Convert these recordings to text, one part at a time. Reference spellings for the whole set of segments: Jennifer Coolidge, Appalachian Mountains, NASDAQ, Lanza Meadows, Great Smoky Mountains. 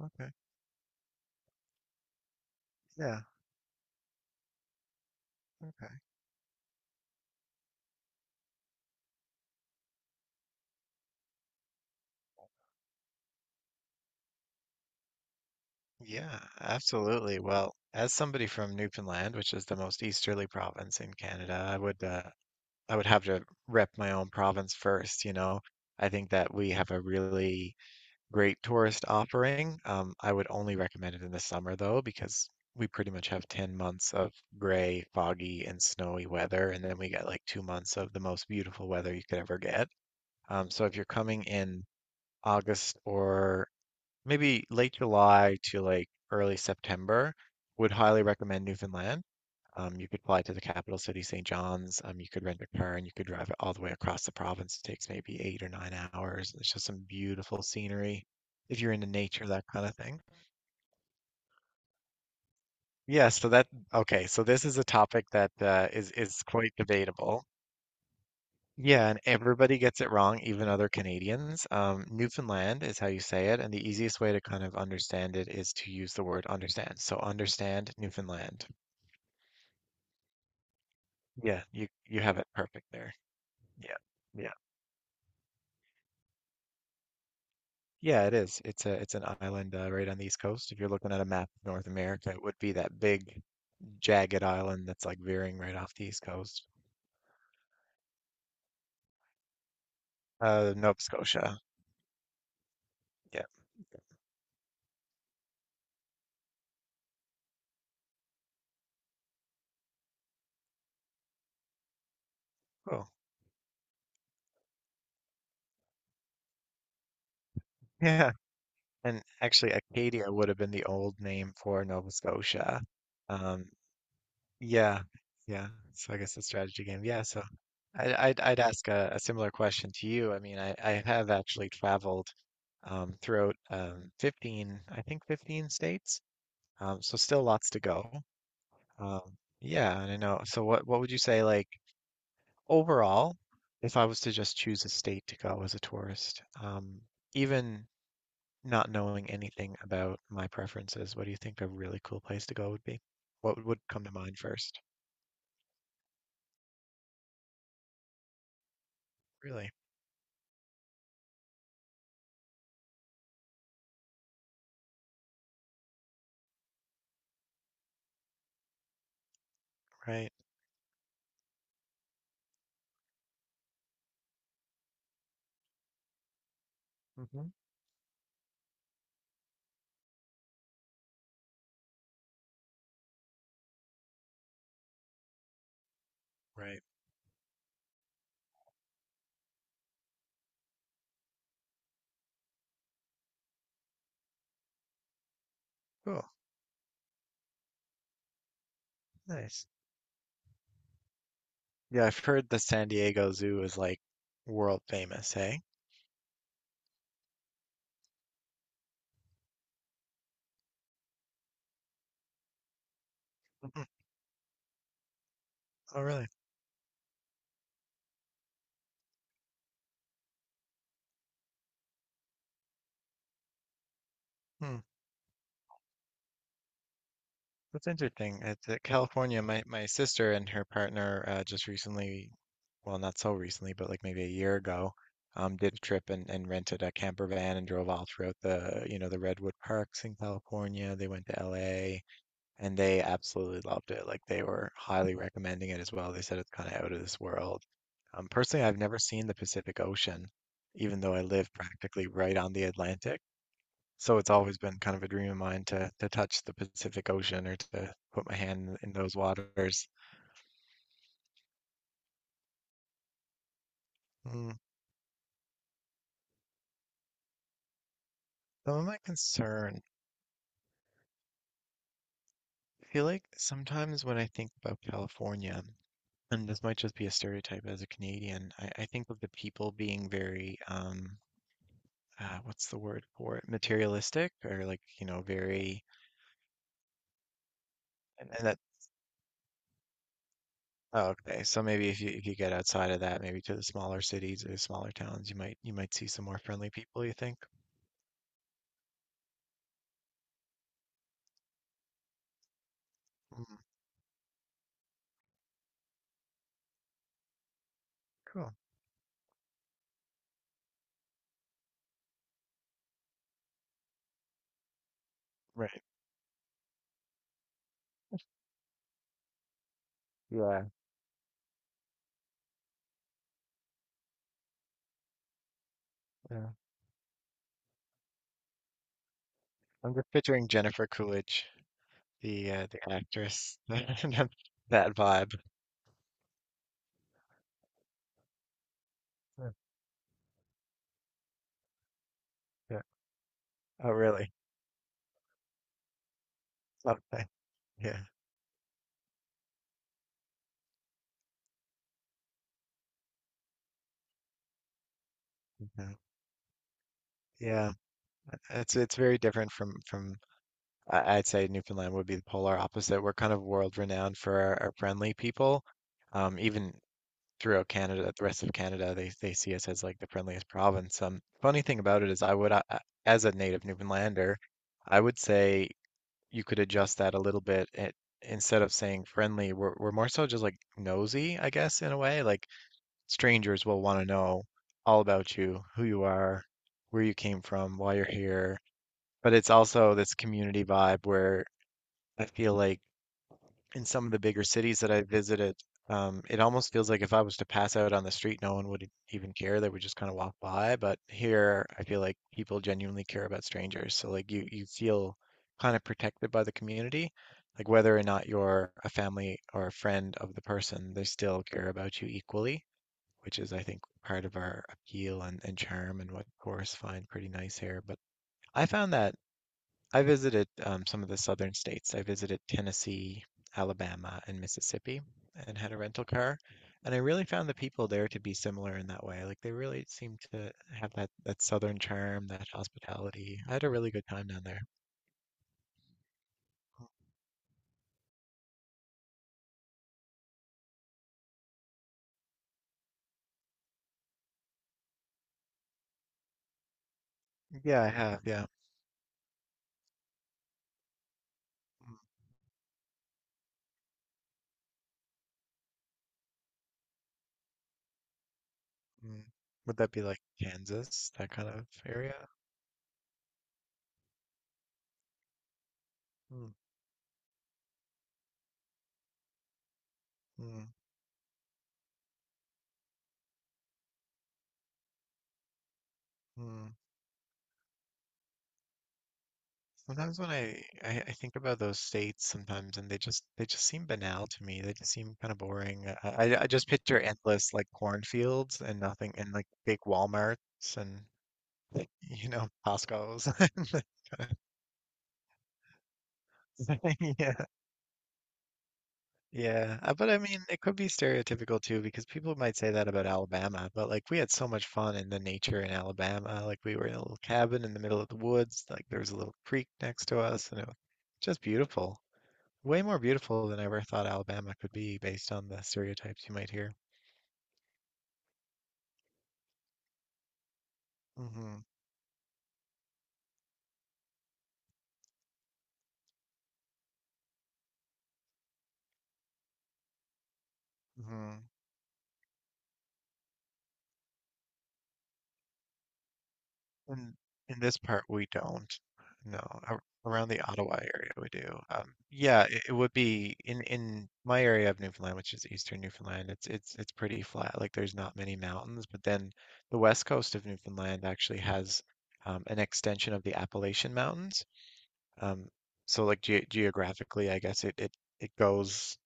Okay. Yeah. Okay. Yeah, absolutely. Well, as somebody from Newfoundland, which is the most easterly province in Canada, I would have to rep my own province first. I think that we have a really great tourist offering. I would only recommend it in the summer though, because we pretty much have 10 months of gray, foggy, and snowy weather, and then we get like 2 months of the most beautiful weather you could ever get. So if you're coming in August or maybe late July to like early September, would highly recommend Newfoundland. You could fly to the capital city, St. John's. You could rent a car and you could drive it all the way across the province. It takes maybe 8 or 9 hours. It's just some beautiful scenery if you're into nature, that kind of thing. Yeah, so that okay, so this is a topic that is quite debatable. Yeah, and everybody gets it wrong, even other Canadians. Newfoundland is how you say it, and the easiest way to kind of understand it is to use the word understand. So understand Newfoundland. Yeah, you have it perfect there. Yeah, yeah, yeah. It is. It's an island right on the east coast. If you're looking at a map of North America, it would be that big jagged island that's like veering right off the east coast. Nova Scotia. Yeah, cool. Yeah, and actually, Acadia would have been the old name for Nova Scotia. Um, Yeah, yeah. So I guess a strategy game. Yeah. So I'd ask a similar question to you. I mean, I have actually traveled throughout 15, I think 15 states. So still lots to go. Um, yeah, and I know. So what would you say, like, overall, if I was to just choose a state to go as a tourist, even not knowing anything about my preferences, what do you think a really cool place to go would be? What would come to mind first? Really, right? Mm-hmm. Right. Cool. Nice. Yeah, I've heard the San Diego Zoo is like world famous, hey? Mhm. Oh, really? Hmm. That's interesting. It's California. My sister and her partner just recently, well, not so recently, but like maybe a year ago, did a trip and rented a camper van and drove all throughout the Redwood parks in California. They went to LA, and they absolutely loved it. Like they were highly recommending it as well. They said it's kind of out of this world. Personally, I've never seen the Pacific Ocean, even though I live practically right on the Atlantic. So it's always been kind of a dream of mine to touch the Pacific Ocean or to put my hand in those waters. Mm. Some of my concern, I feel like sometimes when I think about California, and this might just be a stereotype as a Canadian, I think of the people being very, what's the word for it? Materialistic, or, like, very, and that. Oh, okay. So maybe if you get outside of that, maybe to the smaller cities or smaller towns, you might see some more friendly people, you think? Mm, cool. Right. Yeah, yeah. I'm just picturing Jennifer Coolidge, the actress, that vibe. Yeah. Yeah. Oh, really? Okay. Yeah. Yeah. Yeah, it's very different from I'd say Newfoundland would be the polar opposite. We're kind of world renowned for our friendly people. Even throughout Canada, the rest of Canada, they see us as like the friendliest province. Funny thing about it is, I would, as a native Newfoundlander, I would say you could adjust that a little bit. Instead of saying friendly, we're more so just like nosy, I guess, in a way. Like strangers will want to know all about you, who you are, where you came from, why you're here. But it's also this community vibe where I feel like in some of the bigger cities that I visited, it almost feels like if I was to pass out on the street, no one would even care. They would just kind of walk by. But here, I feel like people genuinely care about strangers. So, like, you feel kind of protected by the community, like whether or not you're a family or a friend of the person, they still care about you equally, which is, I think, part of our appeal and charm and what tourists find pretty nice here. But I found that I visited some of the southern states. I visited Tennessee, Alabama, and Mississippi and had a rental car. And I really found the people there to be similar in that way. Like they really seem to have that southern charm, that hospitality. I had a really good time down there. Yeah, I have. Yeah. Mm, mm. Would that be like Kansas, that kind of area? Mm, mm, mm. Sometimes when I think about those states sometimes and they just seem banal to me. They just seem kind of boring. I just picture endless, like, cornfields and nothing and, like, big Walmarts and, like Costcos. Yeah, yeah. But I mean, it could be stereotypical too because people might say that about Alabama. But like we had so much fun in the nature in Alabama. Like we were in a little cabin in the middle of the woods. Like there was a little creek next to us and it was just beautiful. Way more beautiful than I ever thought Alabama could be based on the stereotypes you might hear. Mm hmm mm hmm In in this part we don't. No, around the Ottawa area we do. Yeah, it would be in my area of Newfoundland, which is eastern Newfoundland. It's pretty flat. Like there's not many mountains, but then the west coast of Newfoundland actually has an extension of the Appalachian Mountains. Um, so like ge geographically, I guess it goes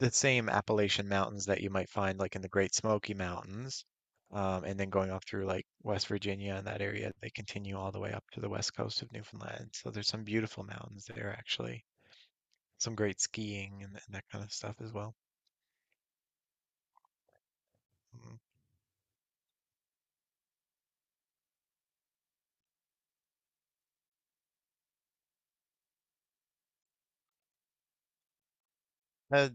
the same Appalachian mountains that you might find like in the Great Smoky Mountains, and then going off through like West Virginia and that area, they continue all the way up to the west coast of Newfoundland. So there's some beautiful mountains there actually, some great skiing and that kind of stuff as well. Mhm. Uh,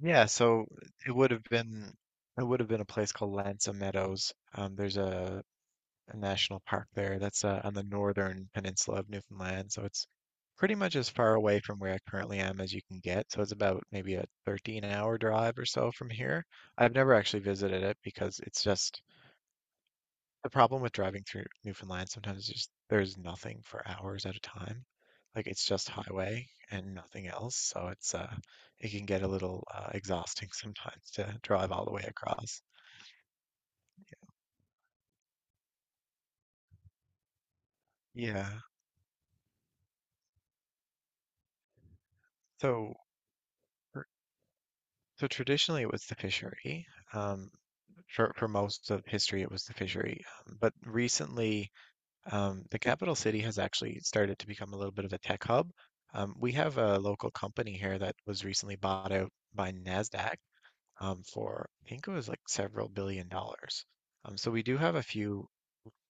yeah, so it would have been it would have been a place called Lanza Meadows. There's a national park there. That's on the northern peninsula of Newfoundland, so it's pretty much as far away from where I currently am as you can get. So it's about maybe a 13-hour drive or so from here. I've never actually visited it because it's just the problem with driving through Newfoundland sometimes is just there's nothing for hours at a time. Like it's just highway and nothing else, so it can get a little exhausting sometimes to drive all the way across. Yeah. So er, so traditionally it was the fishery. Um, for most of history, it was the fishery. But recently, the capital city has actually started to become a little bit of a tech hub. We have a local company here that was recently bought out by NASDAQ for, I think it was like several billion dollars. So we do have a few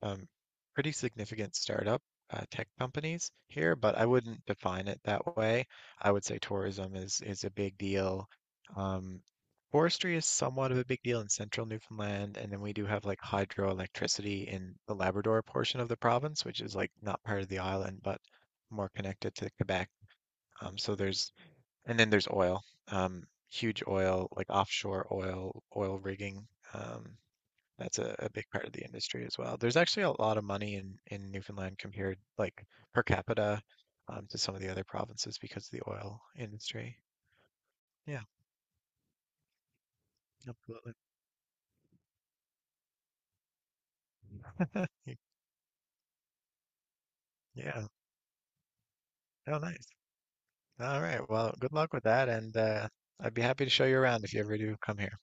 um, pretty significant startup tech companies here, but I wouldn't define it that way. I would say tourism is a big deal. Um, Forestry is somewhat of a big deal in central Newfoundland, and then we do have like hydroelectricity in the Labrador portion of the province, which is like not part of the island, but more connected to Quebec. So there's and then there's oil, um, huge oil, like offshore oil, oil rigging. Um, that's a big part of the industry as well. There's actually a lot of money in Newfoundland compared, like, per capita, to some of the other provinces because of the oil industry. Yeah, absolutely. Y- Yeah. Oh, nice. All right. Well, good luck with that, and I'd be happy to show you around if you ever do come here.